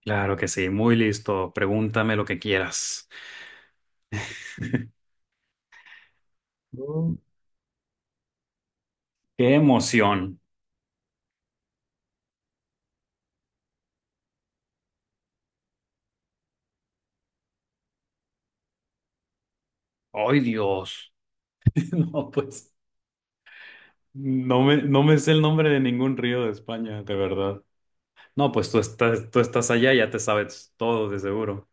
Claro que sí, muy listo. Pregúntame lo que quieras. Mm. ¡Qué emoción! ¡Ay, Dios! No, pues no me sé el nombre de ningún río de España, de verdad. No, pues tú estás allá, ya te sabes todo, de seguro.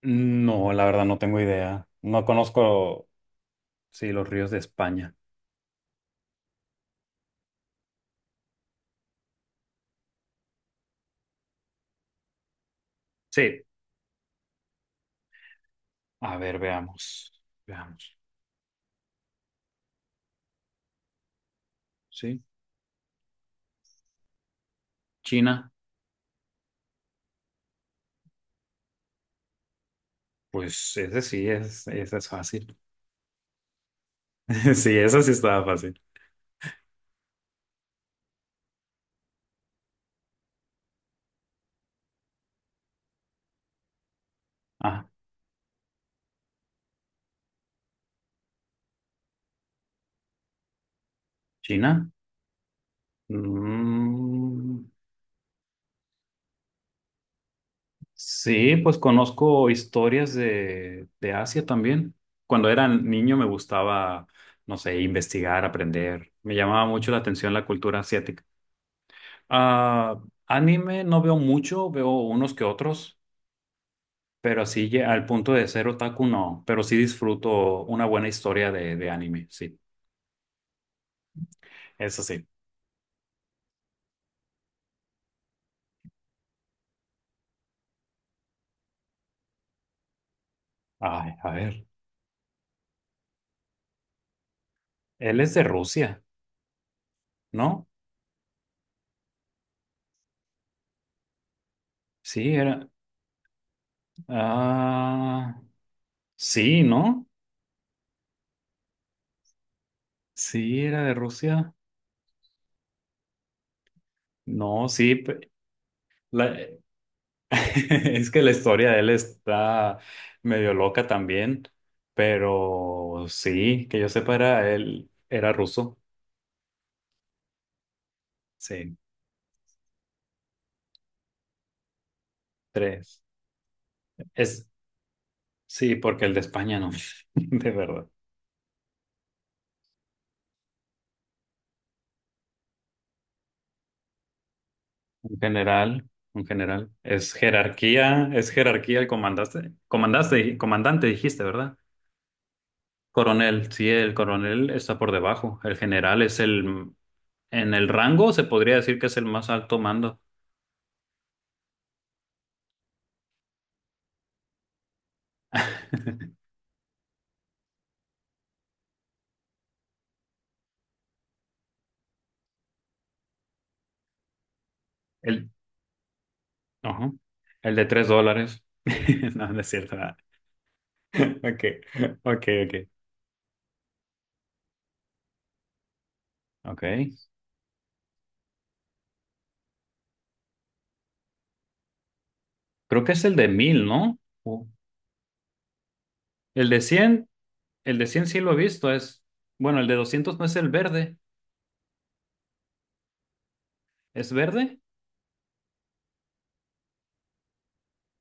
No, la verdad no tengo idea. No conozco, sí, los ríos de España. Sí, a ver, veamos. Veamos. Sí, China. Pues ese sí es, ese es fácil. Sí, ese sí estaba fácil. Ah, China. Mm, sí, pues conozco historias de Asia también. Cuando era niño me gustaba, no sé, investigar, aprender. Me llamaba mucho la atención la cultura asiática. Ah, anime no veo mucho, veo unos que otros, pero así ya al punto de ser otaku no, pero sí disfruto una buena historia de anime, sí. Eso sí. Ay, a ver. Él es de Rusia, ¿no? Sí, era. Ah. Sí, ¿no? Sí, era de Rusia. No, sí. La- es que la historia de él está medio loca también, pero sí, que yo sepa, era él, era ruso. Sí, tres. Es, sí, porque el de España no, de verdad. Un general, un general. Es jerarquía el comandante, comandaste, comandante dijiste, ¿verdad? Coronel, sí, el coronel está por debajo. El general es el. En el rango se podría decir que es el más alto mando. El, ajá, el de $3. No, no es cierto. Nada. Okay, okay, okay, okay. Creo que es el de 1.000, ¿no? O- El de 100, el de cien sí lo he visto. Es, bueno, el de 200 no es el verde. ¿Es verde?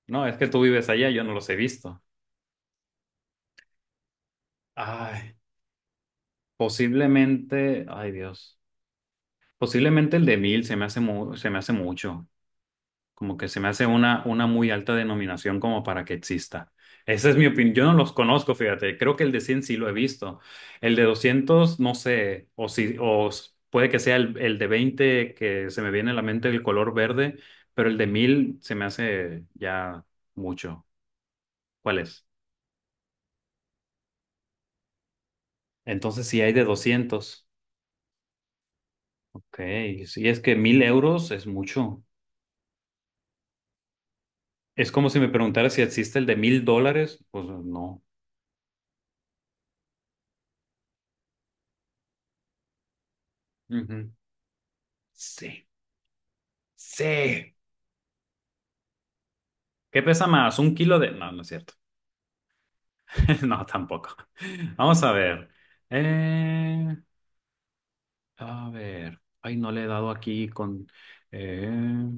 No, es que tú vives allá, yo no los he visto. Ay, posiblemente, ay Dios. Posiblemente el de mil se me hace mu- se me hace mucho. Como que se me hace una muy alta denominación como para que exista. Esa es mi opinión. Yo no los conozco, fíjate. Creo que el de 100 sí lo he visto. El de 200 no sé. O si, puede que sea el de 20 que se me viene a la mente el color verde, pero el de 1.000 se me hace ya mucho. ¿Cuál es? Entonces sí hay de 200. Ok. Si es que 1.000 euros es mucho. Es como si me preguntara si existe el de $1.000. Pues no. Ujú. Sí. Sí. ¿Qué pesa más? ¿Un kilo de...? No, no es cierto. No, tampoco. Vamos a ver. Eh, a ver. Ay, no le he dado aquí con... eh,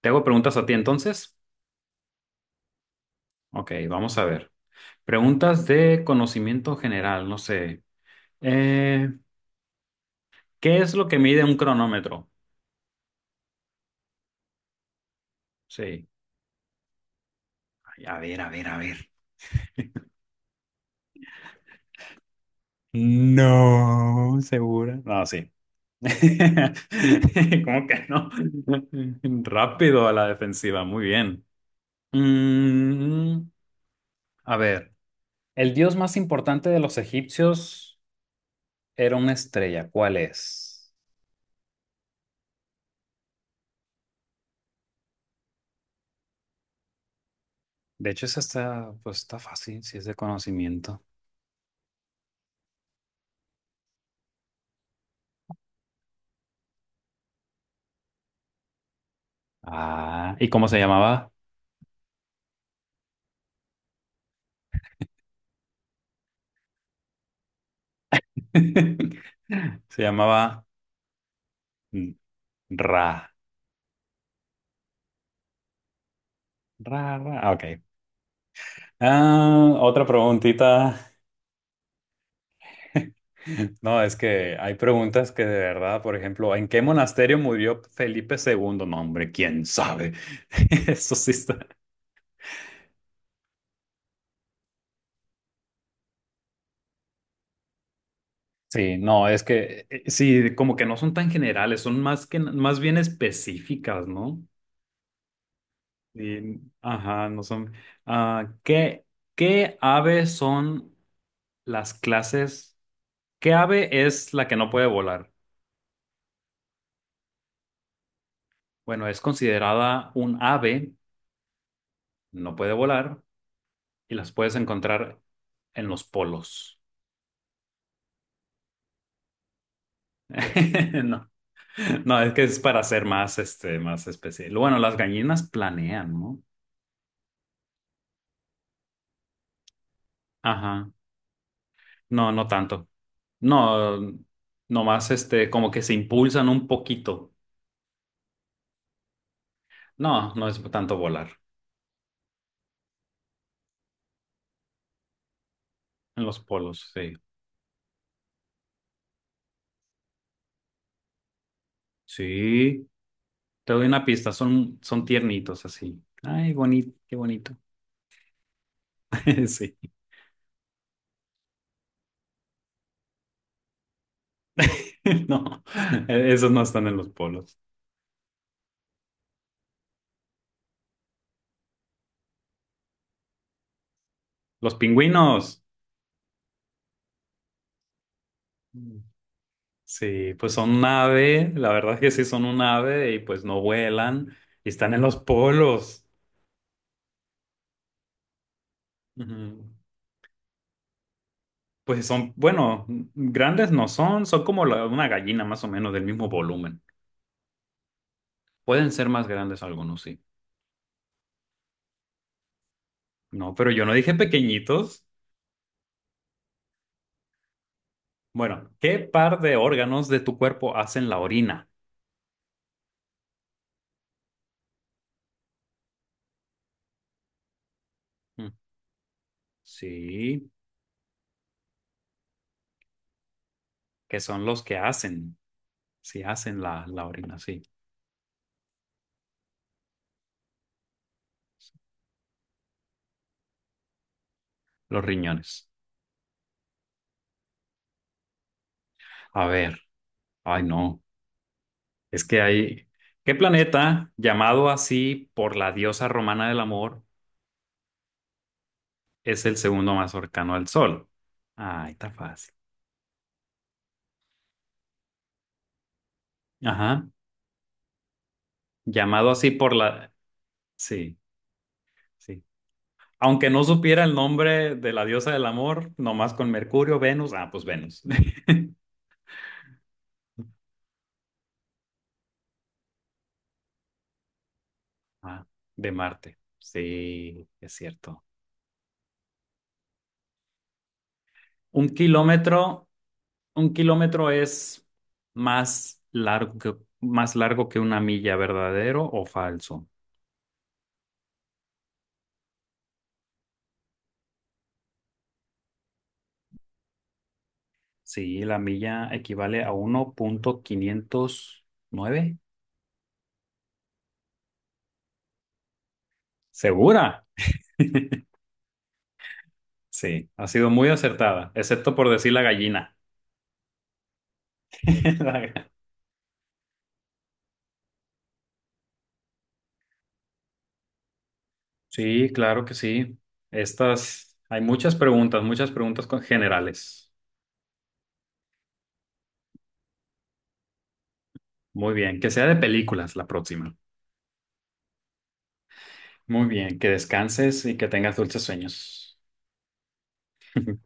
¿te hago preguntas a ti entonces? Ok, vamos a ver. Preguntas de conocimiento general, no sé. Eh, ¿Qué es lo que mide un cronómetro? Sí. Ay, a ver, a ver, a ver. No, segura. No, sí. ¿Cómo que no? Rápido a la defensiva, muy bien. Mm, a ver, el dios más importante de los egipcios era una estrella. ¿Cuál es? De hecho, esa está, pues está fácil, si es de conocimiento. Ah, ¿y cómo se llamaba? Se llamaba mm, Ra. Ra, Ra. Ah, ok. Ah, otra preguntita. No, es que hay preguntas que de verdad, por ejemplo, ¿en qué monasterio murió Felipe II? No, hombre, quién sabe. Eso sí está. Sí, no, es que sí, como que no son tan generales, son más que más bien específicas, ¿no? Y, ajá, no son. Ah, ¿qué, qué ave son las clases? ¿Qué ave es la que no puede volar? Bueno, es considerada un ave, no puede volar, y las puedes encontrar en los polos. No, no, es que es para ser más, este, más especial. Bueno, las gallinas planean, ¿no? Ajá, no, no tanto. No, nomás este, como que se impulsan un poquito. No, no es tanto volar. En los polos, sí. Sí, te doy una pista, son tiernitos así. Ay, bonito, qué bonito. Sí, no, esos no están en los polos. Los pingüinos. Mm. Sí, pues son un ave, la verdad es que sí son un ave y pues no vuelan y están en los polos. Ujú. Pues son, bueno, grandes no son, son como una gallina más o menos del mismo volumen. Pueden ser más grandes algunos, sí. No, pero yo no dije pequeñitos. Bueno, ¿qué par de órganos de tu cuerpo hacen la orina? Mm, Sí, que son los que hacen, sí hacen la orina, sí, los riñones. A ver, ay no, es que hay... ¿Qué planeta, llamado así por la diosa romana del amor, es el segundo más cercano al Sol? Ay, está fácil. Ajá. Llamado así por la... Sí, sí. Aunque no supiera el nombre de la diosa del amor, nomás con Mercurio, Venus, ah, pues Venus. Ah, de Marte. Sí, es cierto. Un kilómetro, un kilómetro es más largo que, más largo que una milla, ¿verdadero o falso? Sí, la milla equivale a 1,509. ¿Segura? Sí, ha sido muy acertada, excepto por decir la gallina. Sí, claro que sí. Estas, hay muchas preguntas generales. Muy bien, que sea de películas la próxima. Muy bien, que descanses y que tengas dulces sueños.